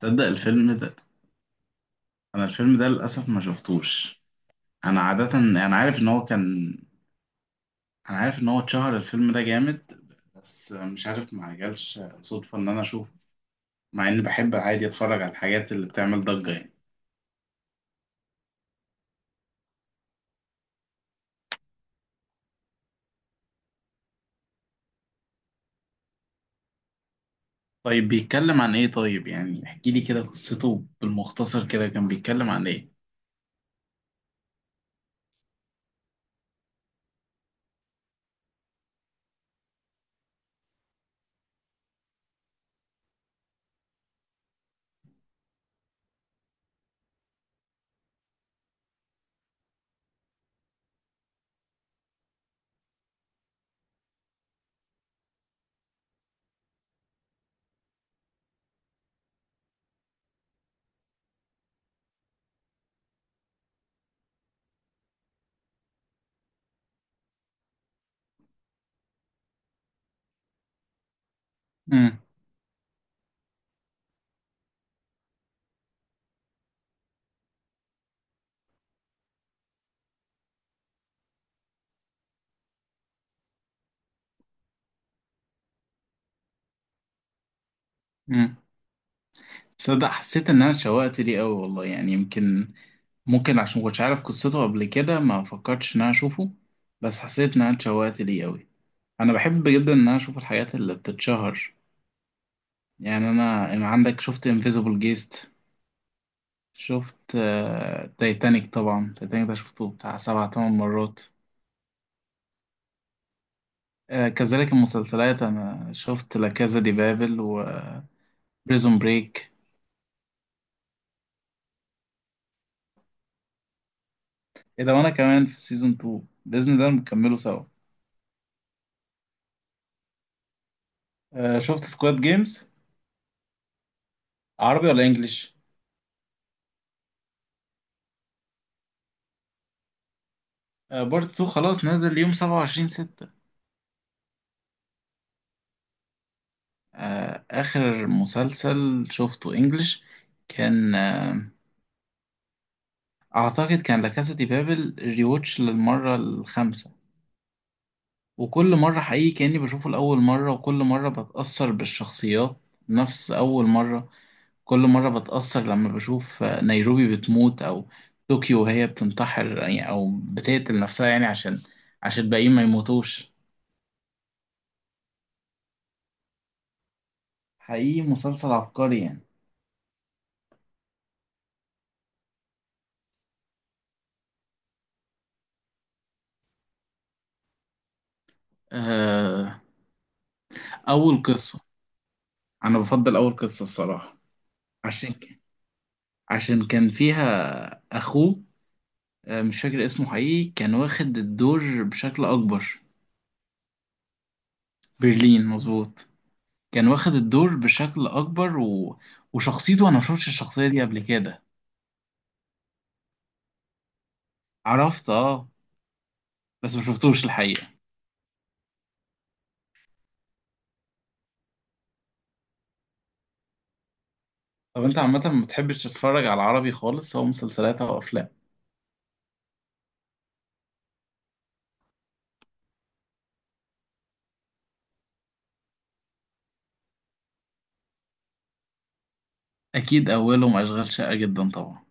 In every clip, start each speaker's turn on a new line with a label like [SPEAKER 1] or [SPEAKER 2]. [SPEAKER 1] تصدق الفيلم ده؟ انا الفيلم ده للاسف ما شفتوش. انا عاده انا عارف ان هو كان انا عارف ان هو اتشهر الفيلم ده جامد. بس مش عارف ما جالش صدفه ان انا اشوفه. مع اني بحب عادي اتفرج على الحاجات اللي بتعمل ضجه، يعني. طيب، بيتكلم عن ايه؟ طيب يعني احكي لي كده قصته بالمختصر كده، كان بيتكلم عن ايه؟ امم، امم. تصدق حسيت ان انا اتشوقت ليه قوي والله، يعني يمكن ممكن عشان ما كنتش عارف قصته قبل كده، ما فكرتش ان انا اشوفه. بس حسيت ان انا اتشوقت ليه قوي. انا بحب جدا ان انا اشوف الحاجات اللي بتتشهر. يعني انا عندك شفت انفيزيبل جيست. شفت تايتانيك، طبعا تايتانيك ده شفته بتاع سبع تمن مرات. كذلك المسلسلات، انا شفت لا كازا دي بابل وبريزون بريك. ايه ده، وانا كمان في سيزون 2 باذن الله نكمله سوا. شفت سكواد جيمز. عربي ولا انجليش؟ بارت 2 خلاص نازل يوم 27/6. اخر مسلسل شفته انجليش كان، اعتقد كان لاكاسا دي بابل ريوتش للمره الخامسه. وكل مره حقيقي كاني بشوفه لاول مره، وكل مره بتاثر بالشخصيات نفس اول مره. كل مره بتاثر لما بشوف نيروبي بتموت، او طوكيو وهي بتنتحر يعني، او بتقتل نفسها يعني، عشان الباقيين ما يموتوش. حقيقي مسلسل عبقري يعني. آه، اول قصه. انا بفضل اول قصه الصراحه. عشان عشان كان فيها اخوه. مش فاكر اسمه، حقيقي كان واخد الدور بشكل أكبر. برلين، مظبوط. كان واخد الدور بشكل أكبر، و... وشخصيته أنا مشوفتش الشخصية دي قبل كده. عرفت، اه. بس مشوفتوش الحقيقة. طب أنت عامة ما بتحبش تتفرج على العربي خالص، سواء مسلسلات أو أفلام؟ أكيد أولهم أشغال شاقة جدا طبعا.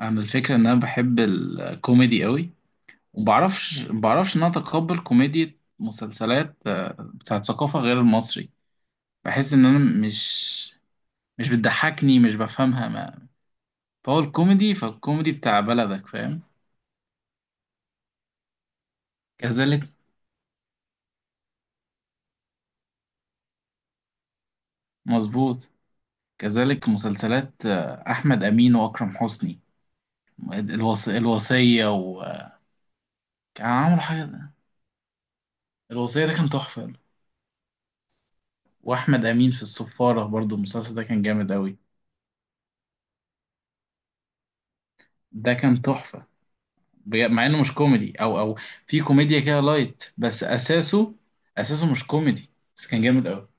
[SPEAKER 1] أنا الفكرة إن أنا بحب الكوميدي قوي. ومبعرفش مبعرفش إن أنا أتقبل كوميديا مسلسلات بتاعت ثقافة غير المصري. بحس إن أنا مش بتضحكني، مش بفهمها، ما. فهو الكوميدي فالكوميدي بتاع بلدك، فاهم. كذلك، مظبوط. كذلك مسلسلات أحمد أمين وأكرم حسني. الوصية، وكان عملوا حاجة ده. الوصية ده كان تحفة. وأحمد أمين في الصفارة، برضو المسلسل ده كان جامد أوي. ده كان تحفة. مع إنه مش كوميدي، أو في كوميديا كده لايت، بس أساسه مش كوميدي. بس كان جامد أوي.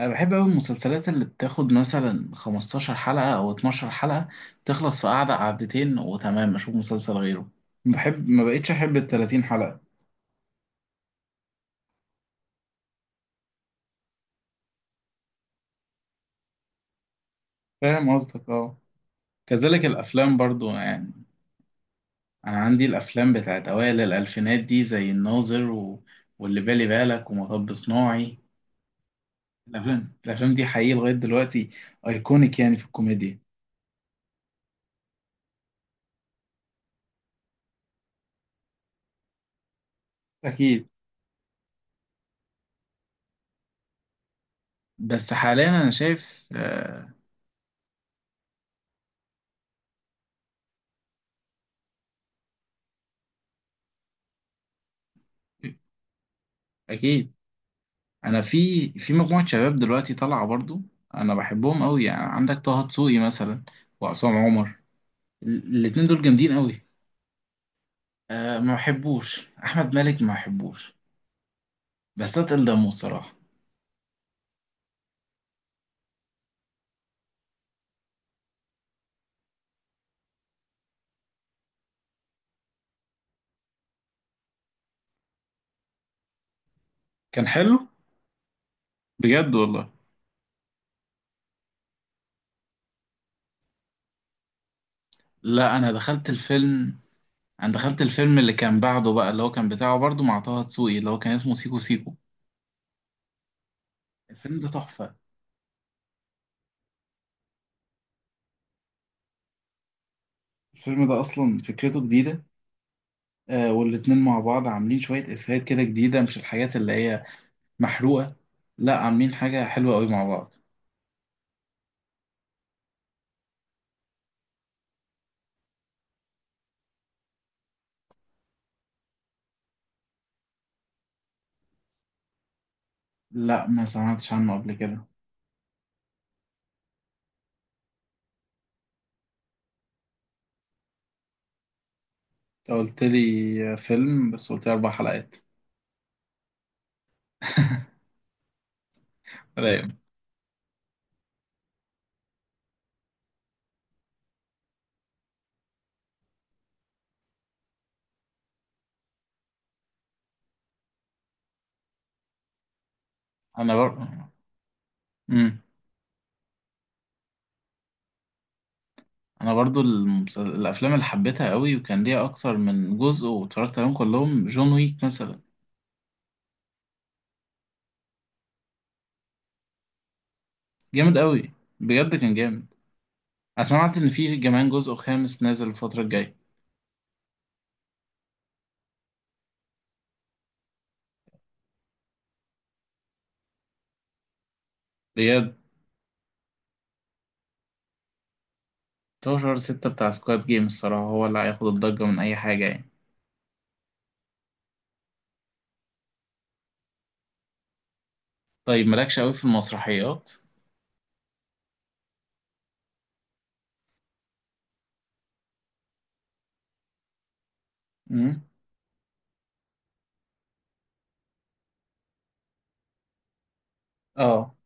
[SPEAKER 1] انا بحب قوي المسلسلات اللي بتاخد مثلا 15 حلقة او 12 حلقة، تخلص في قعدة قعدتين وتمام اشوف مسلسل غيره. بحب، ما بقتش احب ال 30 حلقة. فاهم قصدك، اه. كذلك الافلام برضو يعني. انا عندي الافلام بتاعت اوائل الالفينات دي زي الناظر، و... واللي بالي بالك ومطب صناعي. الافلام دي حقيقي لغاية دلوقتي ايكونيك يعني في الكوميديا. اكيد. بس حاليا انا شايف اكيد. انا في مجموعه شباب دلوقتي طالعه برضو. انا بحبهم قوي يعني، عندك طه دسوقي مثلا. وعصام عمر. الاتنين دول جامدين قوي. أه، ما بحبوش احمد مالك ما بحبوش. بس اتقل دمه الصراحه. كان حلو. بجد والله. لا، انا دخلت الفيلم اللي كان بعده بقى، اللي هو كان بتاعه برضو مع طه دسوقي، اللي هو كان اسمه سيكو سيكو. الفيلم ده تحفه. الفيلم ده اصلا فكرته جديده. أه، والاتنين مع بعض عاملين شويه افيهات كده جديده، مش الحاجات اللي هي محروقة. لا، عاملين حاجة حلوة قوي مع بعض. لا، ما سمعتش عنه قبل كده. انت قلت لي فيلم، بس قلت لي 4 حلقات. رايق. أنا بر... مم. أنا برضو الأفلام اللي حبيتها قوي وكان ليها أكتر من جزء واتفرجت عليهم كلهم، جون ويك مثلا. جامد قوي. بجد كان جامد. أنا سمعت إن في كمان جزء خامس نازل الفترة الجاية. بجد؟ 16 ستة بتاع سكواد جيم، الصراحة هو اللي هياخد الضجة من أي حاجة يعني. طيب مالكش قوي في المسرحيات؟ مم. اه.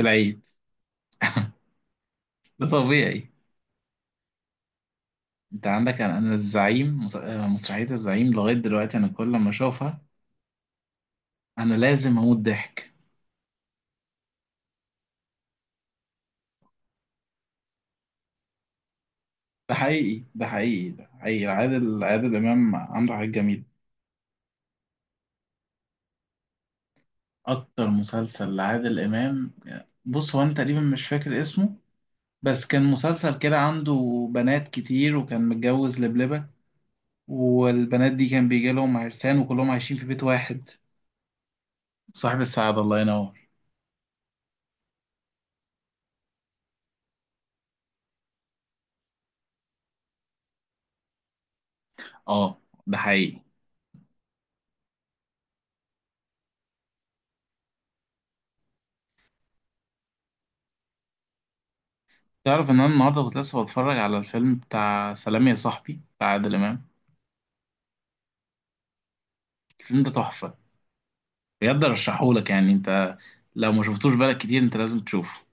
[SPEAKER 1] العيد. ده طبيعي. انت عندك انا الزعيم، مسرحية الزعيم لغاية دلوقتي انا كل ما اشوفها، انا لازم اموت ضحك. ده حقيقي، ده حقيقي، ده حقيقي. عادل امام عنده حاجات جميلة. اكتر مسلسل لعادل امام. بص هو انا تقريبا مش فاكر اسمه. بس كان مسلسل كده عنده بنات كتير، وكان متجوز لبلبة. والبنات دي كان بيجي لهم عرسان، وكلهم عايشين في بيت واحد. صاحب السعادة، الله ينور. اه. ده حقيقي. تعرف ان انا النهارده كنت لسه بتفرج على الفيلم بتاع سلام يا صاحبي بتاع عادل امام. الفيلم ده تحفه. بجد، ارشحهولك يعني انت. لو ما شفتوش بالك كتير، انت لازم تشوفه.